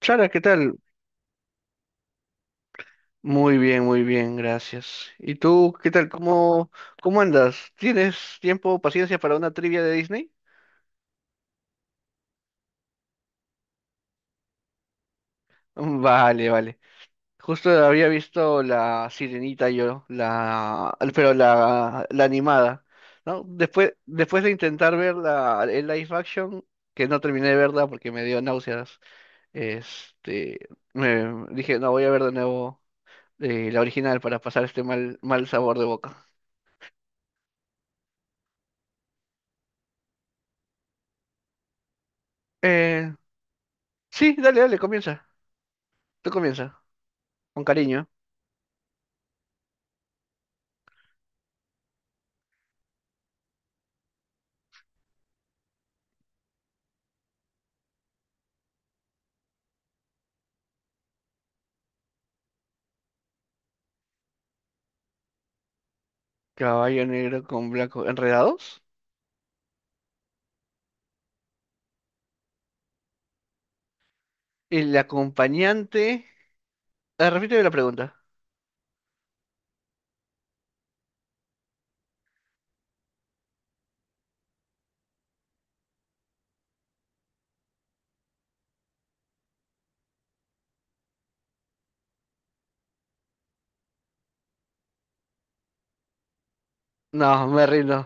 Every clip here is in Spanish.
Chara, ¿qué tal? Muy bien, gracias. ¿Y tú, qué tal? ¿Cómo andas? ¿Tienes tiempo, paciencia para una trivia de Disney? Mm, vale, vale. Justo había visto la Sirenita yo, pero la animada, ¿no? Después de intentar ver el live action, que no terminé de verla porque me dio náuseas, este, me dije, no, voy a ver de nuevo la original para pasar este mal sabor de boca. Eh, Sí, dale, dale, comienza. Tú comienza. Con cariño. Caballo negro con blanco. ¿Enredados? El acompañante. Ah, repíteme la pregunta. No, me rindo.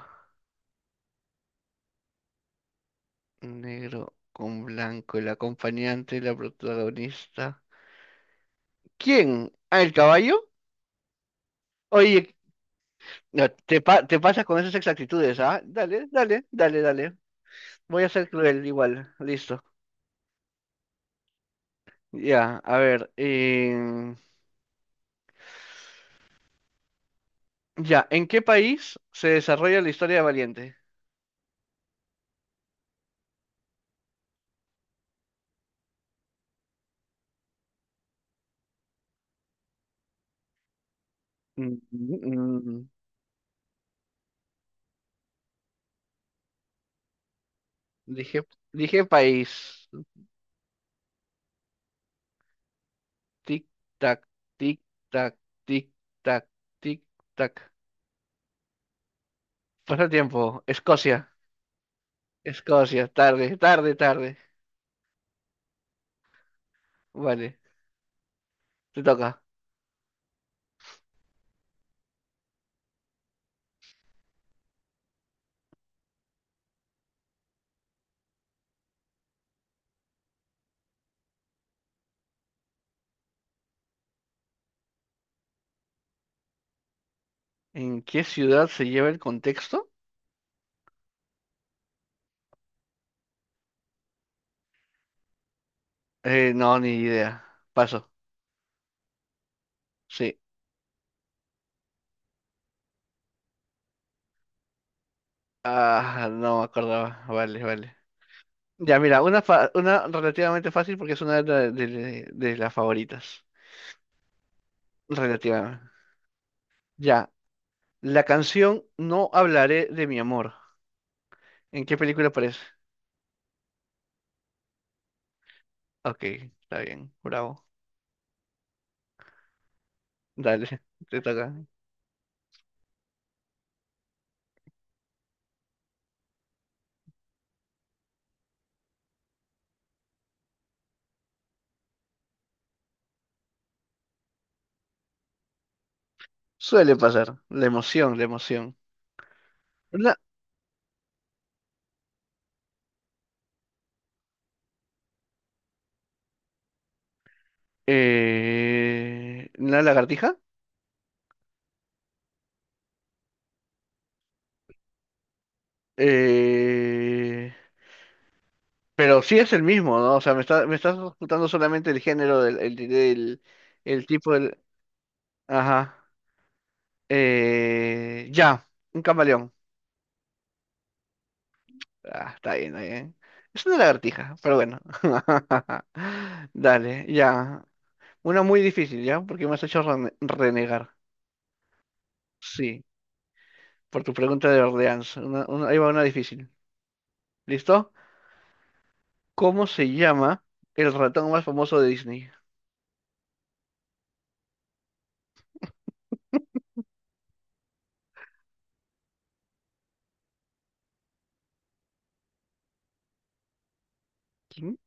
Negro con blanco, el acompañante, la protagonista. ¿Quién? ¿Ah, el caballo? Oye, no, te pasas con esas exactitudes, ¿ah? Dale, dale, dale, dale. Voy a ser cruel igual. Listo. Ya, a ver. Ya, ¿en qué país se desarrolla la historia de Valiente? Mm, mm, Dije, dije país. Tic tac, tic tac, tic tac, tic tac. Pasa el tiempo. Escocia. Escocia. Tarde, tarde, tarde. Vale, te toca. ¿En qué ciudad se lleva el contexto? No, ni idea. Paso. Sí. Ah, no me acordaba. Vale, vale. Ya, mira, una relativamente fácil porque es una de, la- de las favoritas. Relativamente. Ya. La canción No hablaré de mi amor. ¿En qué película aparece? Ok, está bien, bravo. Dale, te toca. Suele pasar. La emoción, la emoción. una, ¿la lagartija? Eh, pero sí es el mismo, ¿no? O sea, me estás ocultando solamente el género el tipo del. Ajá. Ya, un camaleón. Ah, está bien, está bien. Es una lagartija, pero bueno. Dale, ya. Una muy difícil, ¿ya? Porque me has hecho renegar. Sí. Por tu pregunta de Orleans. Ahí va una difícil. ¿Listo? ¿Cómo se llama el ratón más famoso de Disney? ¿Quién,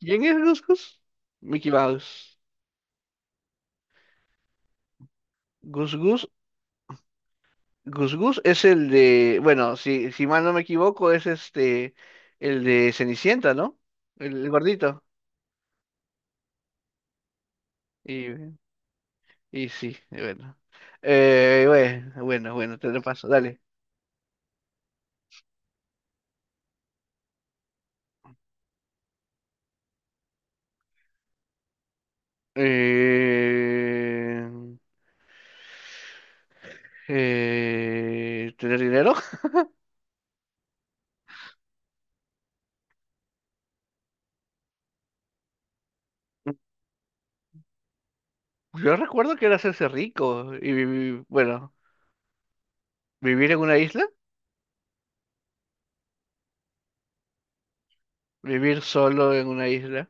quién es Gus Gus? Mickey Mouse. Gus Gus, Gus Gus es el de, bueno, si mal no me equivoco, es el de Cenicienta, ¿no? El gordito. Y, y sí, bueno. Bueno, bueno, bueno, te lo paso, dale. Eh, ¿tener dinero? Yo recuerdo que era hacerse rico y vivir, bueno, vivir en una isla, vivir solo en una isla.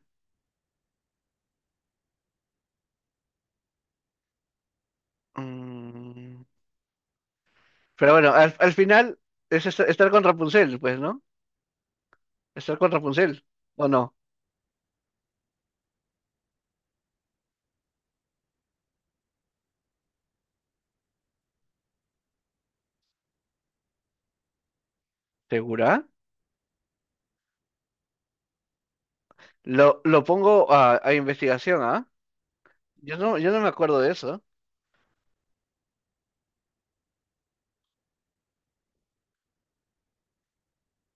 Mm. Pero bueno, al final es estar, con Rapunzel, pues, ¿no? Estar con Rapunzel, ¿o no? ¿Segura? Lo pongo a investigación, ¿ah? Yo no, yo no me acuerdo de eso.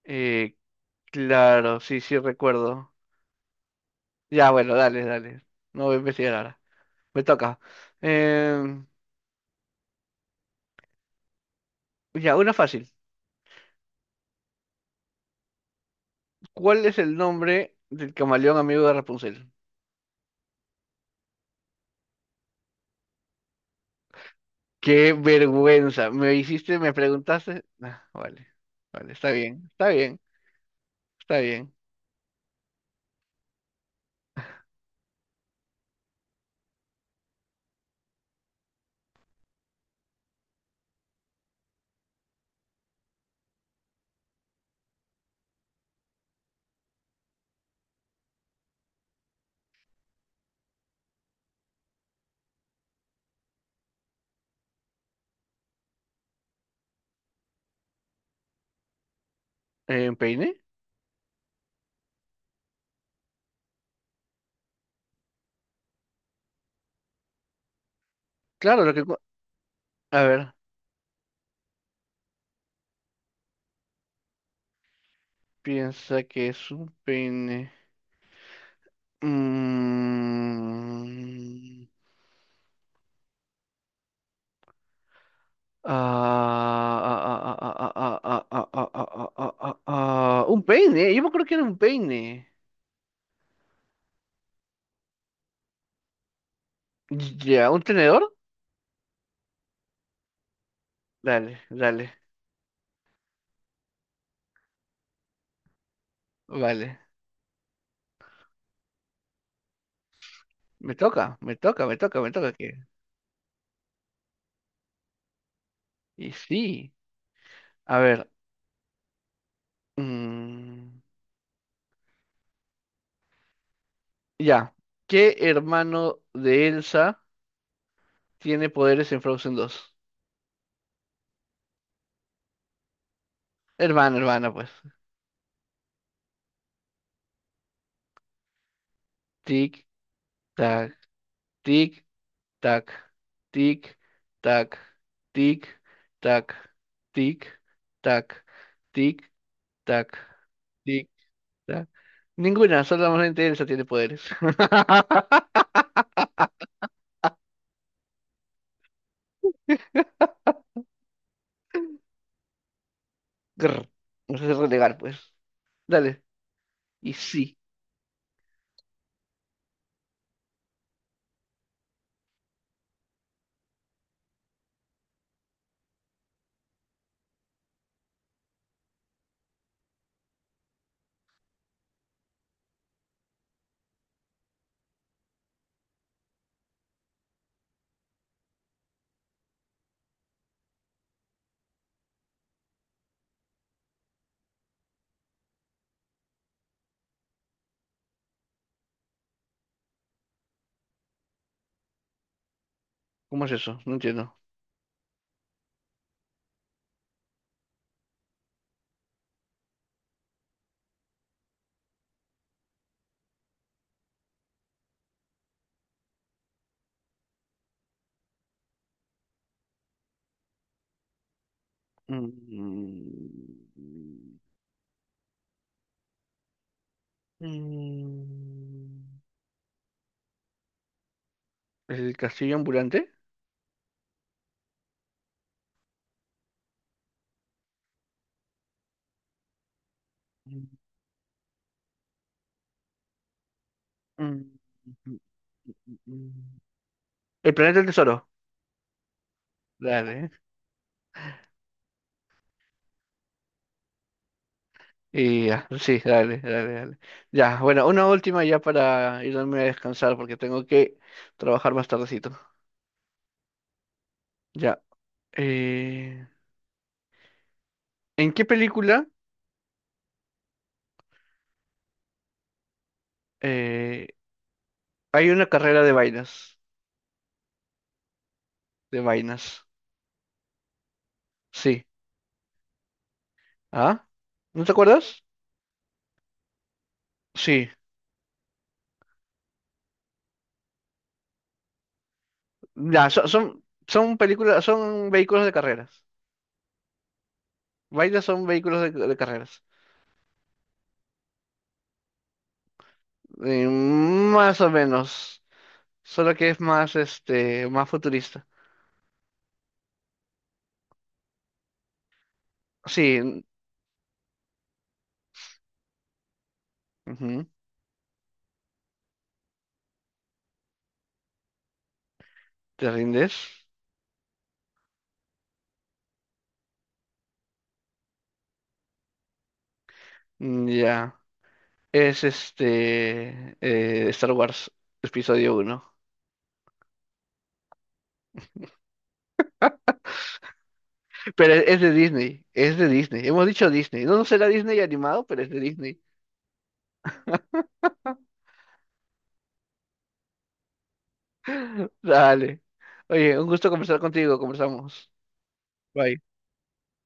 Eh, claro, sí, sí recuerdo. Ya, bueno, dale, dale. No voy a investigar ahora. Me toca. Em, ya, una fácil. ¿Cuál es el nombre del camaleón amigo de Rapunzel? Qué vergüenza. ¿Me preguntaste? Ah, vale, vale, está bien, está bien, está bien. ¿Peine? Claro. A ver, piensa que es un peine. Mm, ah, ah, ah, ah, ah, ah, ah, ah, ah, ah, ah, ah, ah, ah, ah, ah, ah. Un peine, yo me acuerdo que era un peine. Ya, ¿un tenedor? Dale, dale, vale. Me toca, me toca, me toca, me toca que. Y sí, a ver. mm, Ya. ¿Qué hermano de Elsa tiene poderes en Frozen 2? Hermana, hermana, pues. Tic, tac, tic, tac, tic, tac, tic, tac, tic, tac, tic, tac, tic, tac. Ninguna, solamente Elsa tiene poderes. Grr. No sé relegar, pues. Dale. Y sí. ¿Cómo es eso? No entiendo. Mm. Mm. El castillo ambulante. Mm, mm, mm, mm, mm. El planeta del tesoro. Dale. Y ya, sí, dale, dale, dale. Ya, bueno, una última ya para irme a descansar porque tengo que trabajar más tardecito. Ya. eh, ¿en qué película eh, hay una carrera de vainas? De vainas. Sí. ¿Ah? ¿No te acuerdas? Sí. Ya, son, películas, son vehículos de carreras. Vainas son vehículos de carreras. Más o menos. Solo que es más futurista. Sí. Ujú, ¿te rindes? Mm, ya. Es Star Wars episodio uno. Pero es de Disney. Es de Disney. Hemos dicho Disney. No, no será Disney animado, pero es de Disney. Dale. Oye, un gusto conversar contigo. Conversamos. Bye.